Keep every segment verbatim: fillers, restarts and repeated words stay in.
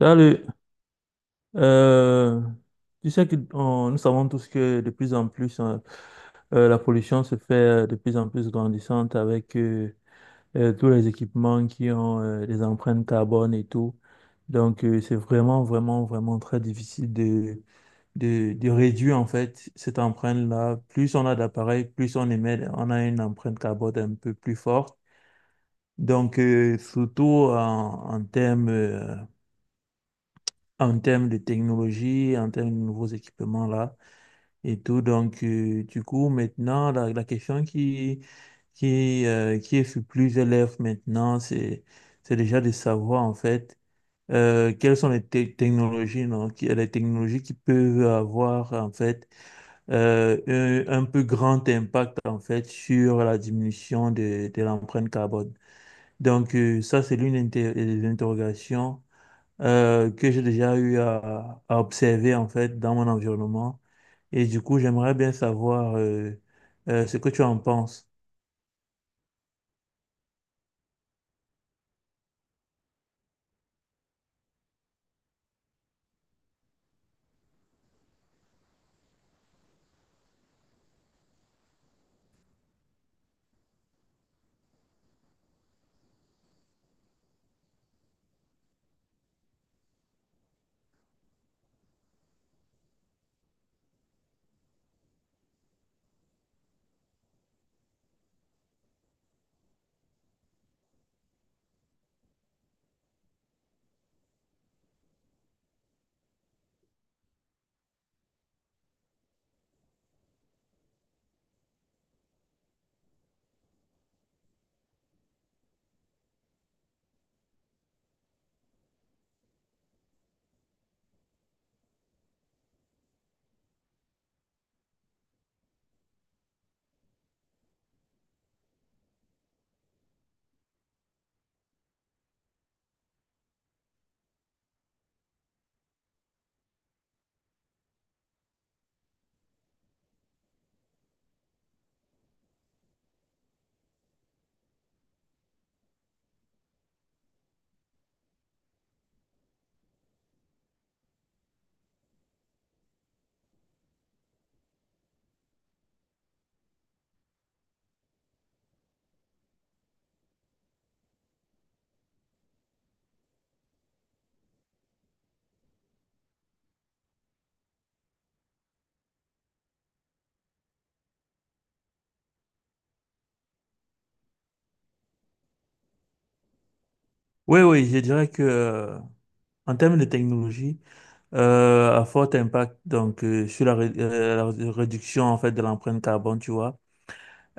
Salut. Euh, tu sais que on- nous savons tous que de plus en plus, hein, euh, la pollution se fait euh, de plus en plus grandissante avec euh, euh, tous les équipements qui ont euh, des empreintes carbone et tout. Donc, euh, c'est vraiment, vraiment, vraiment très difficile de, de, de réduire en fait cette empreinte-là. Plus on a d'appareils, plus on émet, on a une empreinte carbone un peu plus forte. Donc, euh, surtout en, en termes euh, en termes de technologie, en termes de nouveaux équipements là et tout. Donc, euh, du coup, maintenant, la, la question qui, qui, euh, qui est sur plusieurs lèvres maintenant, c'est, c'est déjà de savoir en fait euh, quelles sont les te- technologies, non, qui, les technologies qui peuvent avoir en fait euh, un, un peu grand impact en fait sur la diminution de, de l'empreinte carbone. Donc, euh, ça, c'est l'une inter- des interrogations euh, que j'ai déjà eu à, à observer en fait dans mon environnement. Et du coup, j'aimerais bien savoir euh, euh, ce que tu en penses. Oui, oui, je dirais que euh, en termes de technologie, euh, à fort impact donc euh, sur la, ré- euh, la ré- réduction en fait de l'empreinte carbone, tu vois.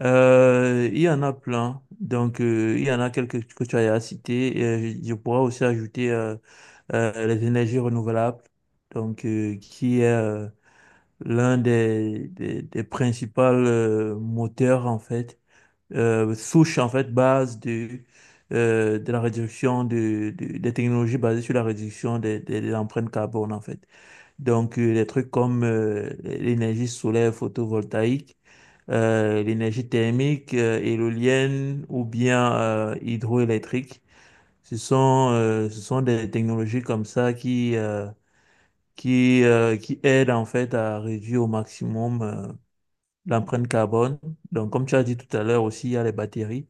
Euh, il y en a plein. Donc, euh, il y en a quelques que tu as cité. Et je, je pourrais aussi ajouter euh, euh, les énergies renouvelables, donc euh, qui est euh, l'un des, des, des principaux euh, moteurs, en fait, euh, souche, en fait, base de, euh, de la réduction de, de- des technologies basées sur la réduction des, des, de l'empreinte carbone, en fait. Donc, euh, des trucs comme euh, l'énergie solaire photovoltaïque, euh, l'énergie thermique, euh, éolienne ou bien euh, hydroélectrique. Ce sont, euh, ce sont des technologies comme ça qui, euh, qui, euh, qui aident en fait à réduire au maximum euh, l'empreinte carbone. Donc, comme tu as dit tout à l'heure aussi, il y a les batteries.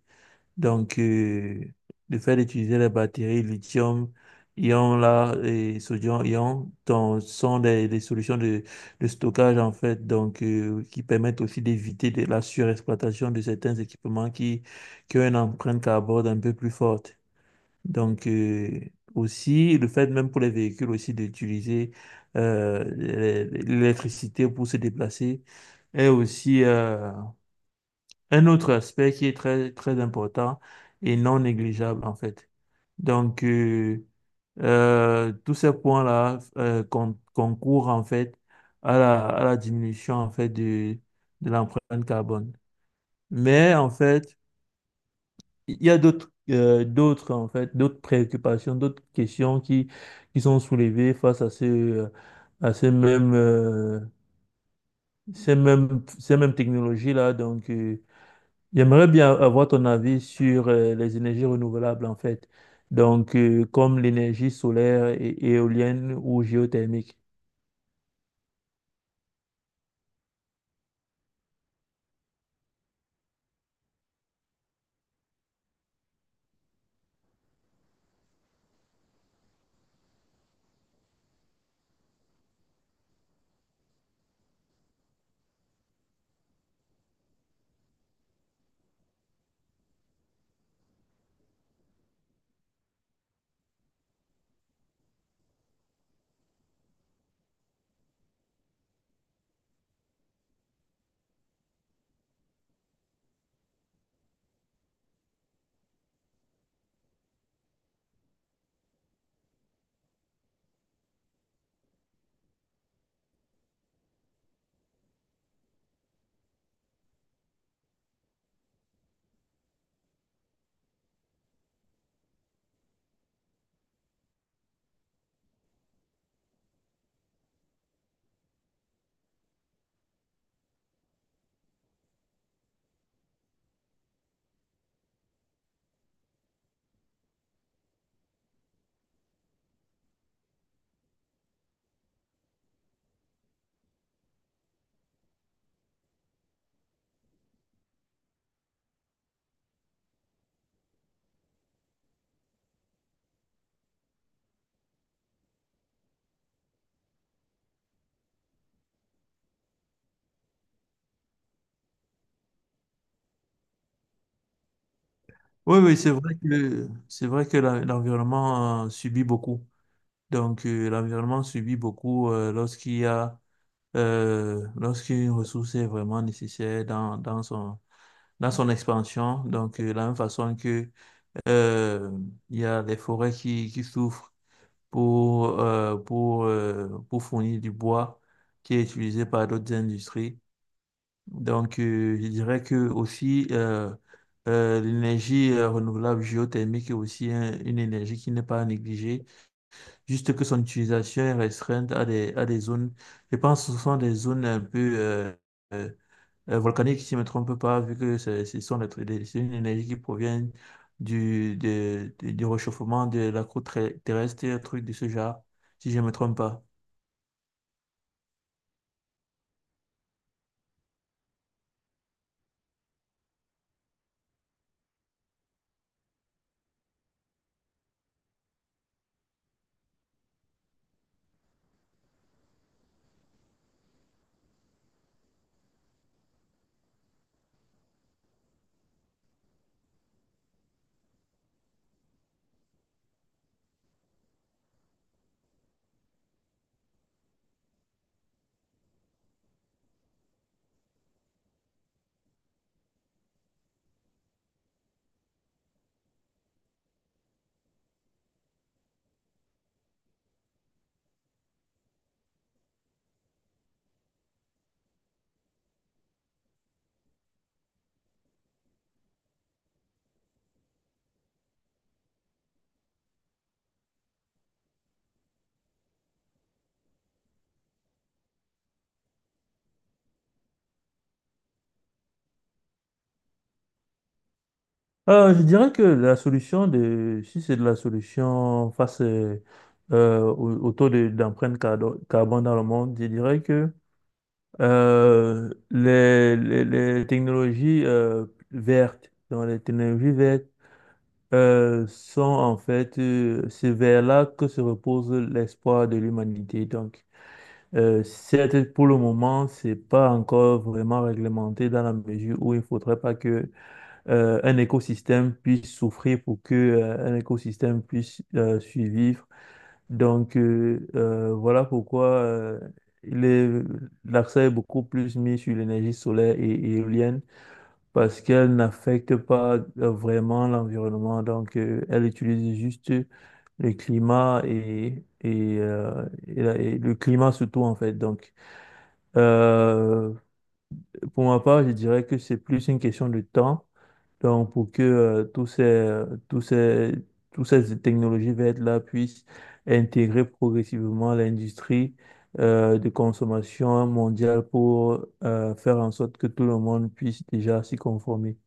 Donc, euh, le fait d'utiliser les batteries lithium, ion là, et sodium ion, donc, sont des, des solutions de, de stockage en fait, donc euh, qui permettent aussi d'éviter de la surexploitation de certains équipements qui, qui ont une empreinte carbone un peu plus forte. Donc, euh, aussi, le fait même pour les véhicules aussi d'utiliser euh, l'é- l'électricité pour se déplacer est aussi euh, un autre aspect qui est très, très important et non négligeable en fait. Donc, euh, euh, tous ces points-là euh, con- concourent en fait à la, à la diminution en fait de, de l'empreinte carbone. Mais en fait, il y a d'autres euh, d'autres en fait, d'autres préoccupations, d'autres questions qui, qui sont soulevées face à ce, euh, à ces mêmes, euh, ces mêmes, ces mêmes technologies-là. Donc, euh, j'aimerais bien avoir ton avis sur euh, les énergies renouvelables en fait. Donc, euh, comme l'énergie solaire et, et éolienne ou géothermique. Oui, oui, c'est vrai que c'est vrai que la- l'environnement euh, subit beaucoup. Donc, euh, l'environnement subit beaucoup euh, lorsqu'il y a euh, lorsqu'une ressource est vraiment nécessaire dans, dans son, dans son expansion. Donc, euh, de la même façon que euh, il y a des forêts qui, qui souffrent pour, euh, pour, euh, pour fournir du bois qui est utilisé par d'autres industries. Donc, euh, je dirais que aussi euh, euh, l'énergie euh, renouvelable géothermique est aussi un- une énergie qui n'est pas négligée. Juste que son utilisation est restreinte à des, à des zones, je pense que ce sont des zones un peu euh, euh, euh, volcaniques, si je ne me trompe pas, vu que c'est- ce sont des, trucs- des- c'est une énergie qui provient du, de- de- du réchauffement de la croûte ter- terrestre, un truc de ce genre, si je ne me trompe pas. Euh, je dirais que la solution de, si c'est de la solution face euh, euh, au, au taux de- d'empreinte cardo- carbone dans le monde, je dirais que Euh, les, les, les technologies euh, vertes, dans les technologies vertes euh, sont en fait euh, c'est vers là que se repose l'espoir de l'humanité. Donc, euh, certes, pour le moment, c'est pas encore vraiment réglementé dans la mesure où il faudrait pas que euh, un écosystème puisse souffrir pour que euh, un écosystème puisse euh, survivre. Donc, euh, euh, voilà pourquoi euh, il est- l'accent est beaucoup plus mis sur l'énergie solaire et, et éolienne parce qu'elle n'affecte pas euh, vraiment l'environnement. Donc, euh, elle utilise juste le climat et, et, euh, et la- et le climat surtout, en fait. Donc, euh, pour ma part, je dirais que c'est plus une question de temps donc, pour que euh, tous ces, euh, tous ces, toutes ces technologies vertes-là puissent intégrer progressivement l'industrie euh, de consommation mondiale pour euh, faire en sorte que tout le monde puisse déjà s'y conformer.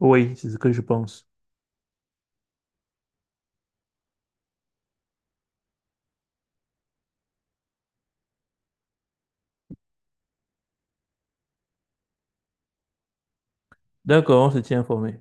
Oui, c'est ce que je pense. D'accord, on se tient informé.